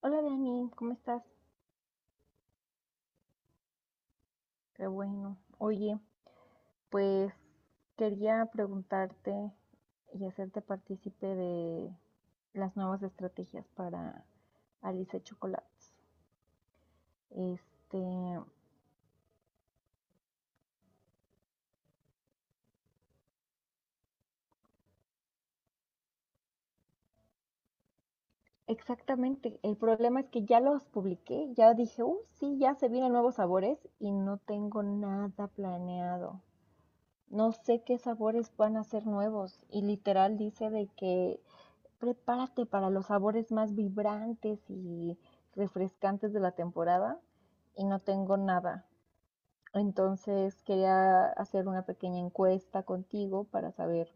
Hola Dani, ¿cómo estás? Qué bueno. Oye, pues quería preguntarte y hacerte partícipe de las nuevas estrategias para Alice Chocolates. Este, exactamente, el problema es que ya los publiqué, ya dije, sí, ya se vienen nuevos sabores y no tengo nada planeado. No sé qué sabores van a ser nuevos y literal dice de que prepárate para los sabores más vibrantes y refrescantes de la temporada y no tengo nada. Entonces quería hacer una pequeña encuesta contigo para saber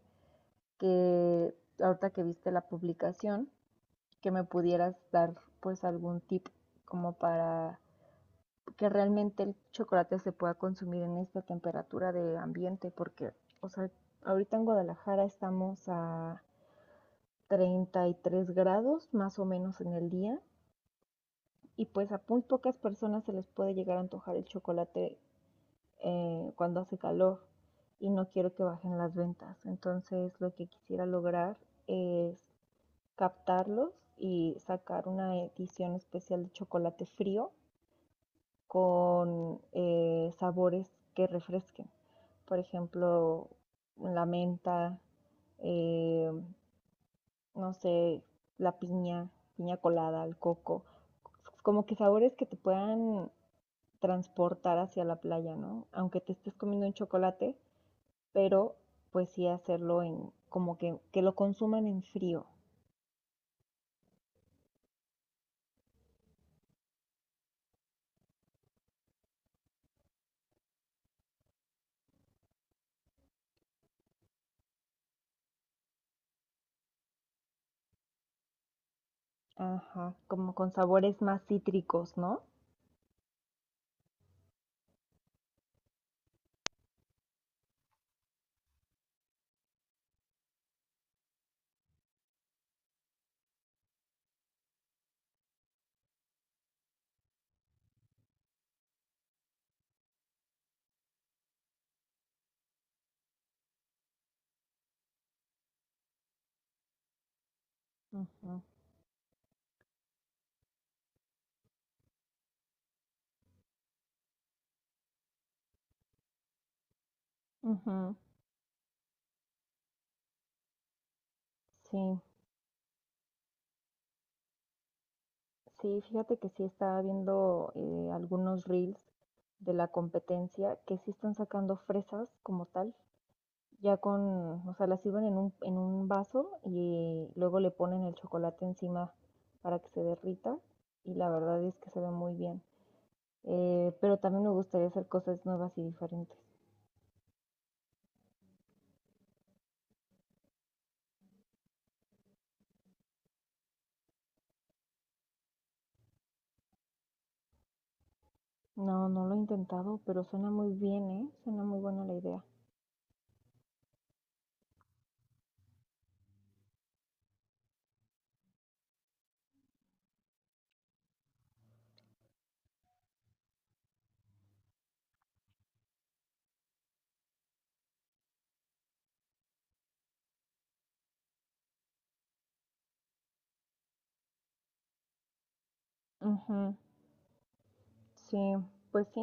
que ahorita que viste la publicación, que me pudieras dar pues algún tip como para que realmente el chocolate se pueda consumir en esta temperatura de ambiente, porque, o sea, ahorita en Guadalajara estamos a 33 grados más o menos en el día. Y pues a muy pocas personas se les puede llegar a antojar el chocolate, cuando hace calor y no quiero que bajen las ventas. Entonces lo que quisiera lograr es captarlos y sacar una edición especial de chocolate frío con sabores que refresquen. Por ejemplo, la menta, eh, no sé, la piña, piña colada, el coco. Como que sabores que te puedan transportar hacia la playa, ¿no? Aunque te estés comiendo un chocolate, pero pues sí hacerlo en, como que lo consuman en frío. Ajá, como con sabores más cítricos, ¿no? Ujú, ujú. Sí, sí, fíjate que sí estaba viendo algunos reels de la competencia que sí están sacando fresas como tal. Ya con, o sea, la sirven en un vaso y luego le ponen el chocolate encima para que se derrita y la verdad es que se ve muy bien. Pero también me gustaría hacer cosas nuevas y diferentes. No, no lo he intentado, pero suena muy bien, ¿eh? Suena muy buena la idea. Ujú, sí, pues sí,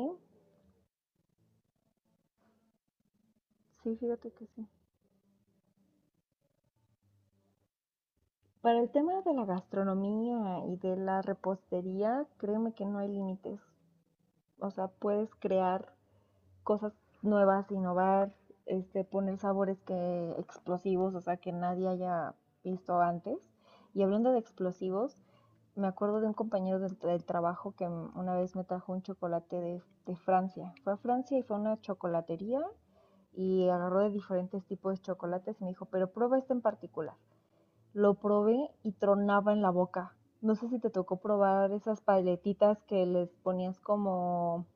sí, fíjate que sí. Para el tema de la gastronomía y de la repostería, créeme que no hay límites. O sea, puedes crear cosas nuevas, innovar, poner sabores que explosivos, o sea, que nadie haya visto antes. Y hablando de explosivos, me acuerdo de un compañero del trabajo que una vez me trajo un chocolate de Francia. Fue a Francia y fue a una chocolatería y agarró de diferentes tipos de chocolates y me dijo, pero prueba este en particular. Lo probé y tronaba en la boca. No sé si te tocó probar esas paletitas que les ponías como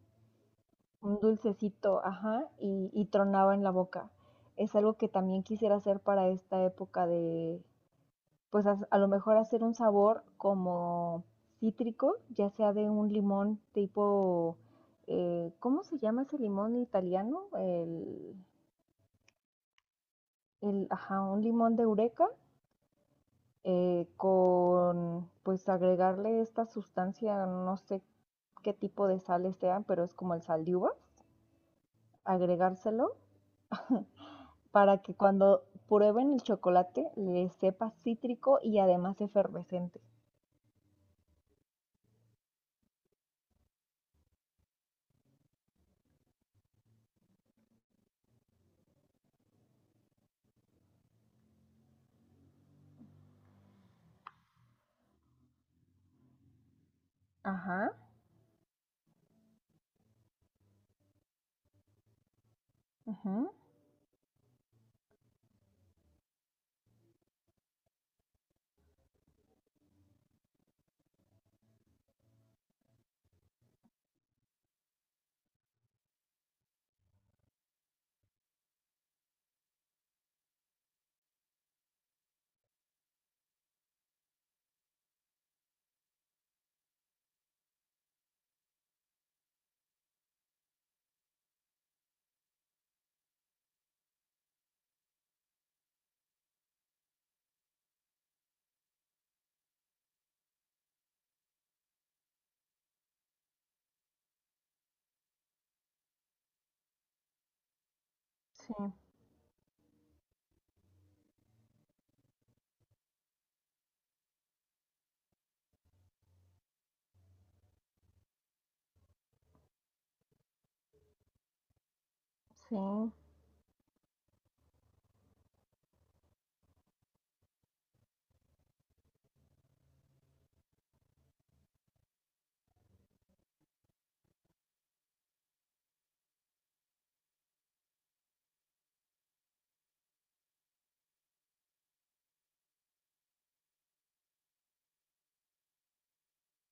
un dulcecito, ajá, y tronaba en la boca. Es algo que también quisiera hacer para esta época de, pues a lo mejor hacer un sabor como cítrico, ya sea de un limón tipo, ¿cómo se llama ese limón italiano? El ajá, un limón de Eureka, con, pues agregarle esta sustancia, no sé qué tipo de sales sean, pero es como el sal de uvas, agregárselo para que cuando prueben el chocolate les sepa cítrico y además efervescente. Ajá, ujú, sí, sí,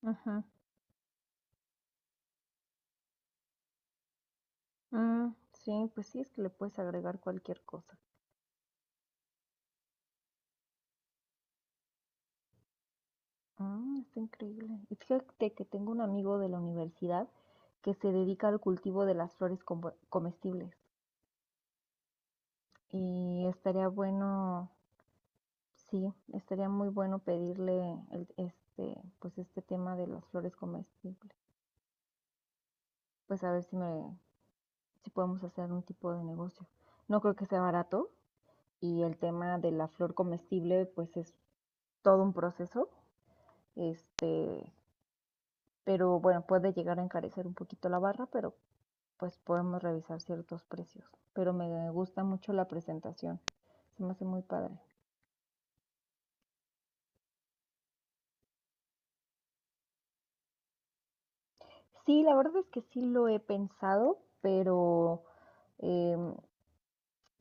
ujú, mm, sí, pues sí, es que le puedes agregar cualquier cosa. Mm, está increíble. Y fíjate que tengo un amigo de la universidad que se dedica al cultivo de las flores como- comestibles. Y estaría bueno, sí, estaría muy bueno pedirle el- pues este tema de las flores comestibles. Pues a ver si me, si podemos hacer un tipo de negocio. No creo que sea barato y el tema de la flor comestible pues es todo un proceso, este, pero bueno, puede llegar a encarecer un poquito la barra, pero pues podemos revisar ciertos precios. Pero me gusta mucho la presentación, se me hace muy padre. Sí, la verdad es que sí lo he pensado, pero eh,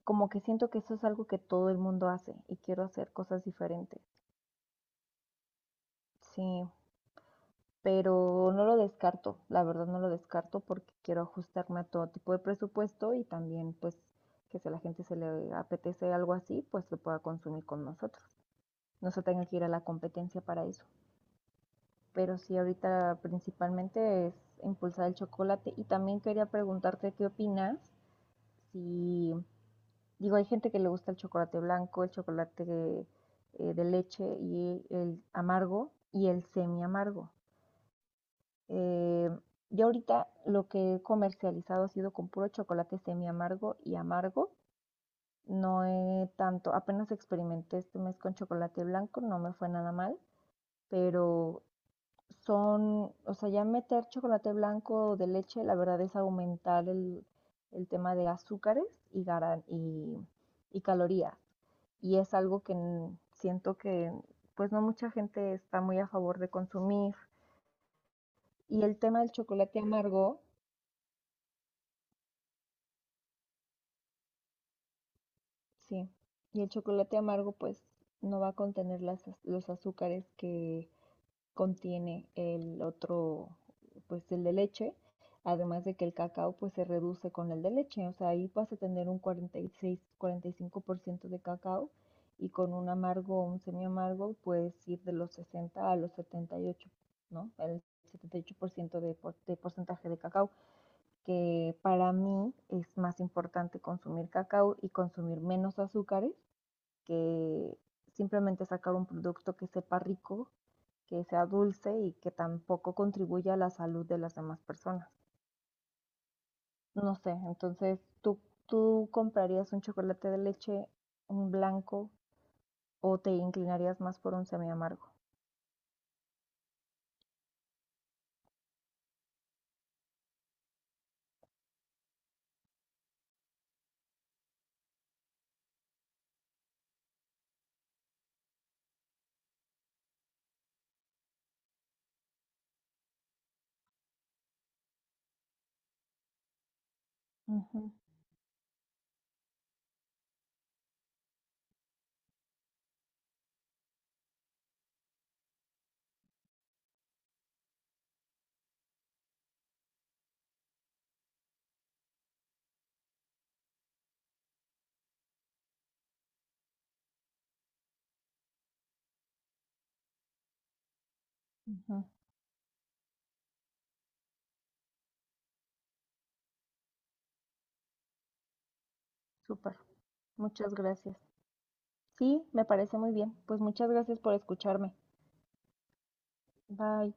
como que siento que eso es algo que todo el mundo hace y quiero hacer cosas diferentes. Sí, pero no lo descarto, la verdad no lo descarto porque quiero ajustarme a todo tipo de presupuesto y también pues que si a la gente se le apetece algo así, pues lo pueda consumir con nosotros. No se tenga que ir a la competencia para eso. Pero sí, ahorita principalmente es impulsar el chocolate y también quería preguntarte qué opinas si, digo, hay gente que le gusta el chocolate blanco, el chocolate de leche y el amargo y el semi amargo. Eh, yo ahorita lo que he comercializado ha sido con puro chocolate semi amargo y amargo. No he tanto, apenas experimenté este mes con chocolate blanco, no me fue nada mal, pero son, o sea, ya meter chocolate blanco de leche, la verdad es aumentar el tema de azúcares y, garan- y calorías. Y es algo que n- siento que pues no mucha gente está muy a favor de consumir. Y el tema del chocolate amargo, sí, y el chocolate amargo pues no va a contener las, az- los azúcares que contiene el otro, pues el de leche, además de que el cacao pues se reduce con el de leche, o sea, ahí vas a tener un 46, 45% de cacao y con un amargo o un semiamargo puedes ir de los 60 a los 78, ¿no? El 78% de, por- de porcentaje de cacao que para mí es más importante consumir cacao y consumir menos azúcares que simplemente sacar un producto que sepa rico, que sea dulce y que tampoco contribuya a la salud de las demás personas. No sé, entonces tú comprarías un chocolate de leche, un blanco, o te inclinarías más por un semiamargo. Ujú, ujú, súper, muchas gracias. Sí, me parece muy bien. Pues muchas gracias por escucharme. Bye.